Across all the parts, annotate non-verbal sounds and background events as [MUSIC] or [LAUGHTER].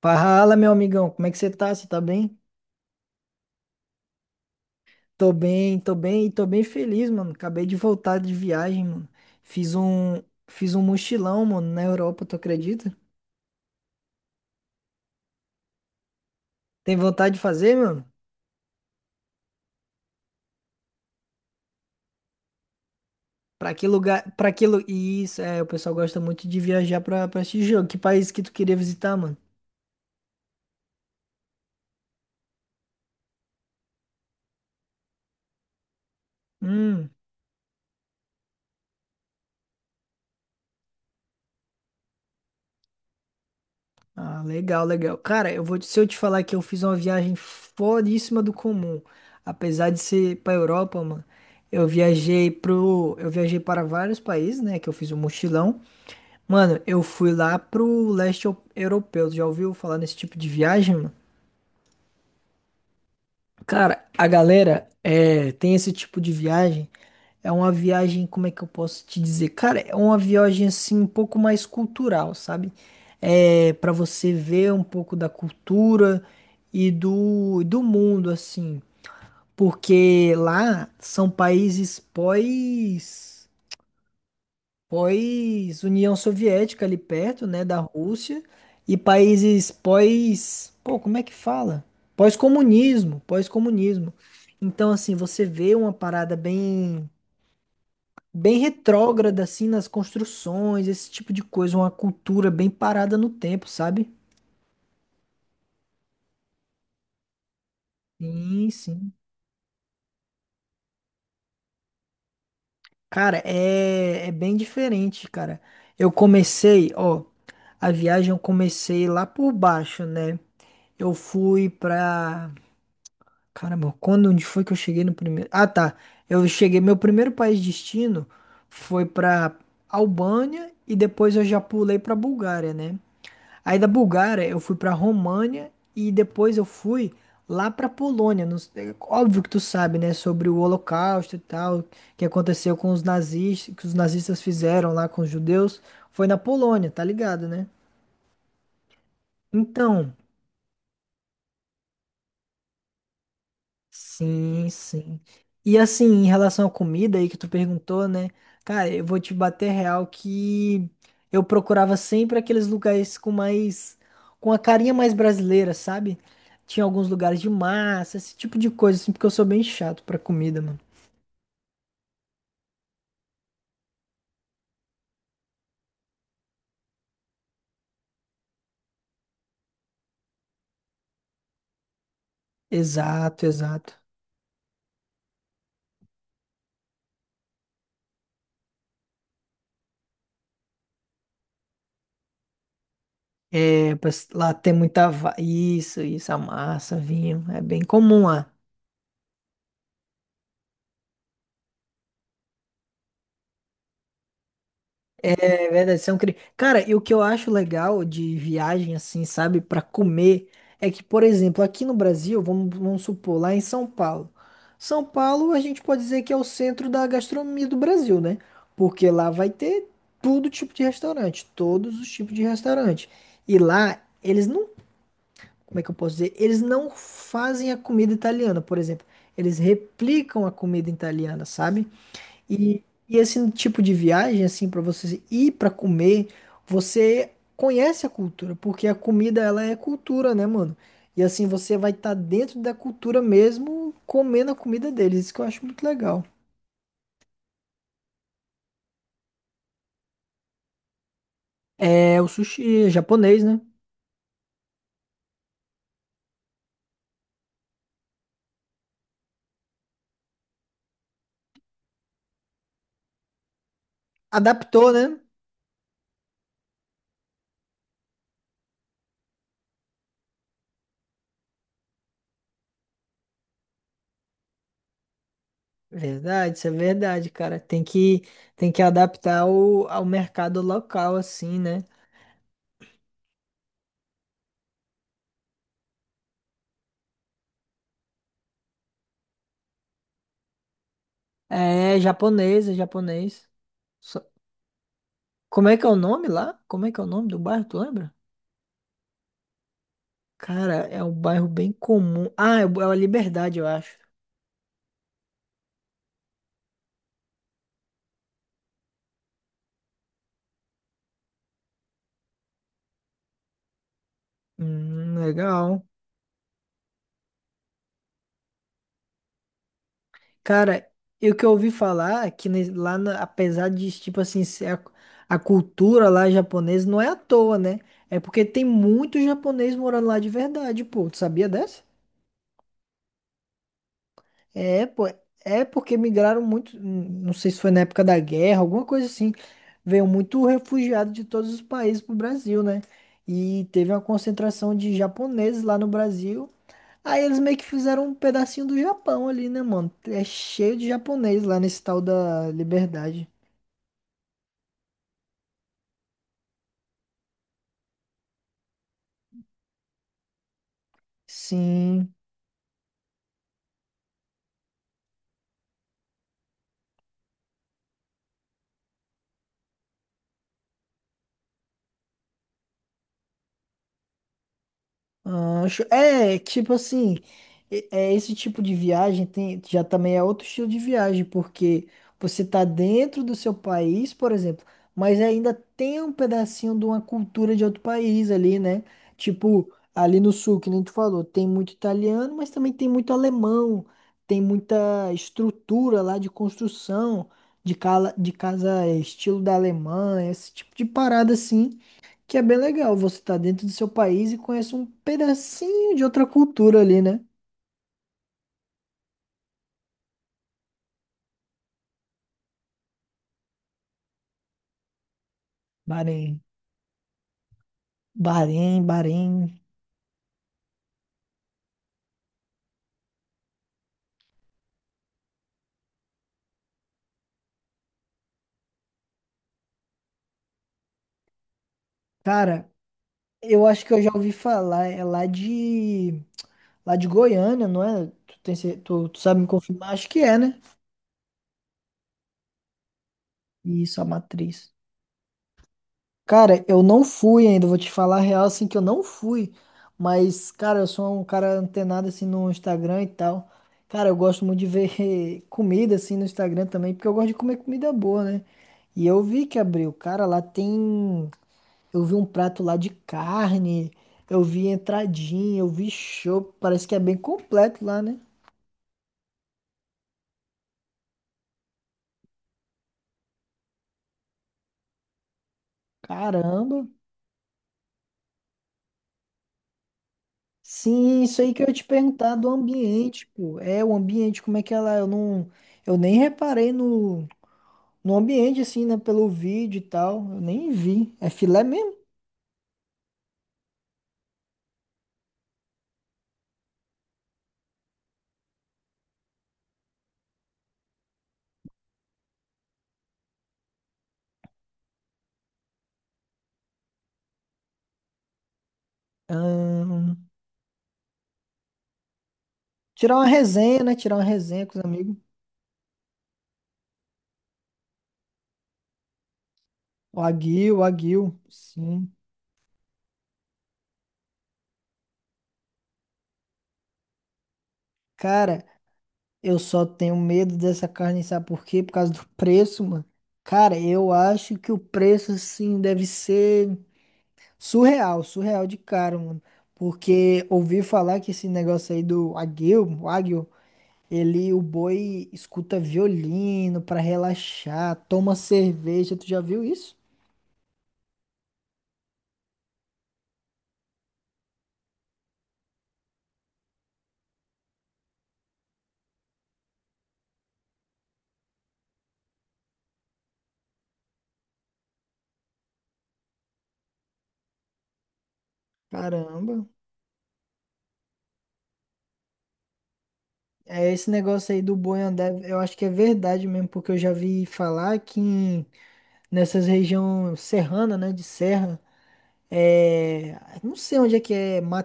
Fala, meu amigão, como é que você tá? Você tá bem? Tô bem e tô bem feliz, mano. Acabei de voltar de viagem, mano. Fiz um, fiz um mochilão, mano, na Europa, tu acredita? Tem vontade de fazer, mano? Pra que lugar, pra que lu... Isso, é, o pessoal gosta muito de viajar pra esse jogo. Que país que tu queria visitar, mano? Hum. Ah, legal, legal. Cara, se eu te falar que eu fiz uma viagem foríssima do comum, apesar de ser pra Europa, mano, eu viajei para vários países, né, que eu fiz um mochilão. Mano, eu fui lá pro leste eu- europeu. Já ouviu falar nesse tipo de viagem, mano? Cara, a galera é, tem esse tipo de viagem. É uma viagem, como é que eu posso te dizer? Cara, é uma viagem assim um pouco mais cultural, sabe? É para você ver um pouco da cultura e do mundo, assim. Porque lá são países pós União Soviética ali perto, né, da Rússia e países pós, pô, como é que fala? Pós-comunismo. Então assim, você vê uma parada bem retrógrada assim nas construções, esse tipo de coisa, uma cultura bem parada no tempo, sabe? Sim, sim. Cara, é bem diferente, cara. Eu comecei, ó, a viagem eu comecei lá por baixo, né? Eu fui pra Caramba, quando onde foi que eu cheguei no primeiro? Ah, tá. Eu cheguei, meu primeiro país de destino foi pra Albânia e depois eu já pulei pra Bulgária, né? Aí da Bulgária eu fui pra România e depois eu fui lá pra Polônia. Não sei- é óbvio que tu sabe, né, sobre o Holocausto e tal, que aconteceu com os nazistas, que os nazistas fizeram lá com os judeus, foi na Polônia, tá ligado, né? Então, sim, sim. E assim, em relação à comida aí que tu perguntou, né? Cara, eu vou te bater real que eu procurava sempre aqueles lugares com mais, com a carinha mais brasileira, sabe? Tinha alguns lugares de massa, esse tipo de coisa, assim, porque eu sou bem chato pra comida, mano. Exato, exato. É, lá tem muita, isso, isso, a massa, vinho, é bem comum lá. É verdade, são cri... Cara, e o que eu acho legal de viagem, assim, sabe, pra comer, é que, por exemplo, aqui no Brasil, vamos supor, lá em São Paulo. São Paulo, a gente pode dizer que é o centro da gastronomia do Brasil, né? Porque lá vai ter todo tipo de restaurante, todos os tipos de restaurante. E lá, eles não, como é que eu posso dizer? Eles não fazem a comida italiana, por exemplo. Eles replicam a comida italiana, sabe? E, e esse tipo de viagem, assim, para você ir para comer, você conhece a cultura, porque a comida, ela é cultura, né, mano? E assim, você vai estar dentro da cultura mesmo, comendo a comida deles, isso que eu acho muito legal. É, o sushi é japonês, né? Adaptou, né? Verdade, isso é verdade, cara. Tem que adaptar o, ao mercado local, assim, né? É, japonês, é japonês. Só- como é que é o nome lá? Como é que é o nome do bairro, tu lembra? Cara, é um bairro bem comum. Ah, é a Liberdade, eu acho. Legal. Cara, e o que eu ouvi falar é que apesar de, tipo assim, a cultura lá japonesa não é à toa, né? É porque tem muito japonês morando lá de verdade, pô. Tu sabia dessa? É, pô. É porque migraram muito, não sei se foi na época da guerra, alguma coisa assim. Veio muito refugiado de todos os países pro Brasil, né? E teve uma concentração de japoneses lá no Brasil. Aí eles meio que fizeram um pedacinho do Japão ali, né, mano? É cheio de japonês lá nesse tal da Liberdade. Sim, Ancho. É, tipo assim, é esse tipo de viagem tem, já também é outro estilo de viagem, porque você tá dentro do seu país, por exemplo, mas ainda tem um pedacinho de uma cultura de outro país ali, né? Tipo, ali no sul, que nem tu falou, tem muito italiano, mas também tem muito alemão, tem muita estrutura lá de construção, de, cala, de casa é, estilo da Alemanha, esse tipo de parada assim. Que é bem legal, você tá dentro do seu país e conhece um pedacinho de outra cultura ali, né? Bahrein. Bahrein. Cara, eu acho que eu já ouvi falar, é lá de Goiânia, não é? Tu, tem, cer- tu, tu sabe me confirmar? Acho que é, né? Isso, a matriz. Cara, eu não fui ainda, vou te falar a real, assim, que eu não fui. Mas, cara, eu sou um cara antenado, assim, no Instagram e tal. Cara, eu gosto muito de ver [LAUGHS] comida, assim, no Instagram também, porque eu gosto de comer comida boa, né? E eu vi que abriu. Cara, lá tem... Eu vi um prato lá de carne, eu vi entradinha, eu vi chopp. Parece que é bem completo lá, né? Caramba! Sim, isso aí que eu ia te perguntar do ambiente, pô. É, o ambiente, como é que é lá? Eu não... Eu nem reparei no... No ambiente, assim, né? Pelo vídeo e tal. Eu nem vi. É filé mesmo? Ahn, tirar uma resenha, né? Tirar uma resenha com os amigos. O aguil. Sim. Cara, eu só tenho medo dessa carne, sabe por quê? Por causa do preço, mano. Cara, eu acho que o preço, assim, deve ser surreal de caro, mano. Porque ouvi falar que esse negócio aí do aguil, o aguil. Ele, o boi escuta violino pra relaxar, toma cerveja, tu já viu isso? Caramba. É esse negócio aí do boi andar, eu acho que é verdade mesmo, porque eu já vi falar que nessas regiões serrana, né, de serra, é, não sei onde é que é.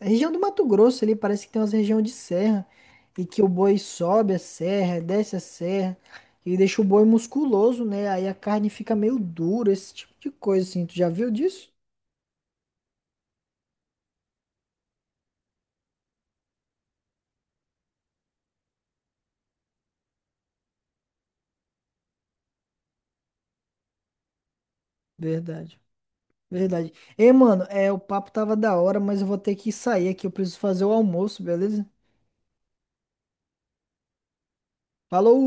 A região do Mato Grosso ali parece que tem umas regiões de serra e que o boi sobe a serra, desce a serra e deixa o boi musculoso, né? Aí a carne fica meio dura, esse tipo de coisa assim. Tu já viu disso? Verdade, verdade. Ei, mano, o papo tava da hora, mas eu vou ter que sair aqui. Eu preciso fazer o almoço, beleza? Falou!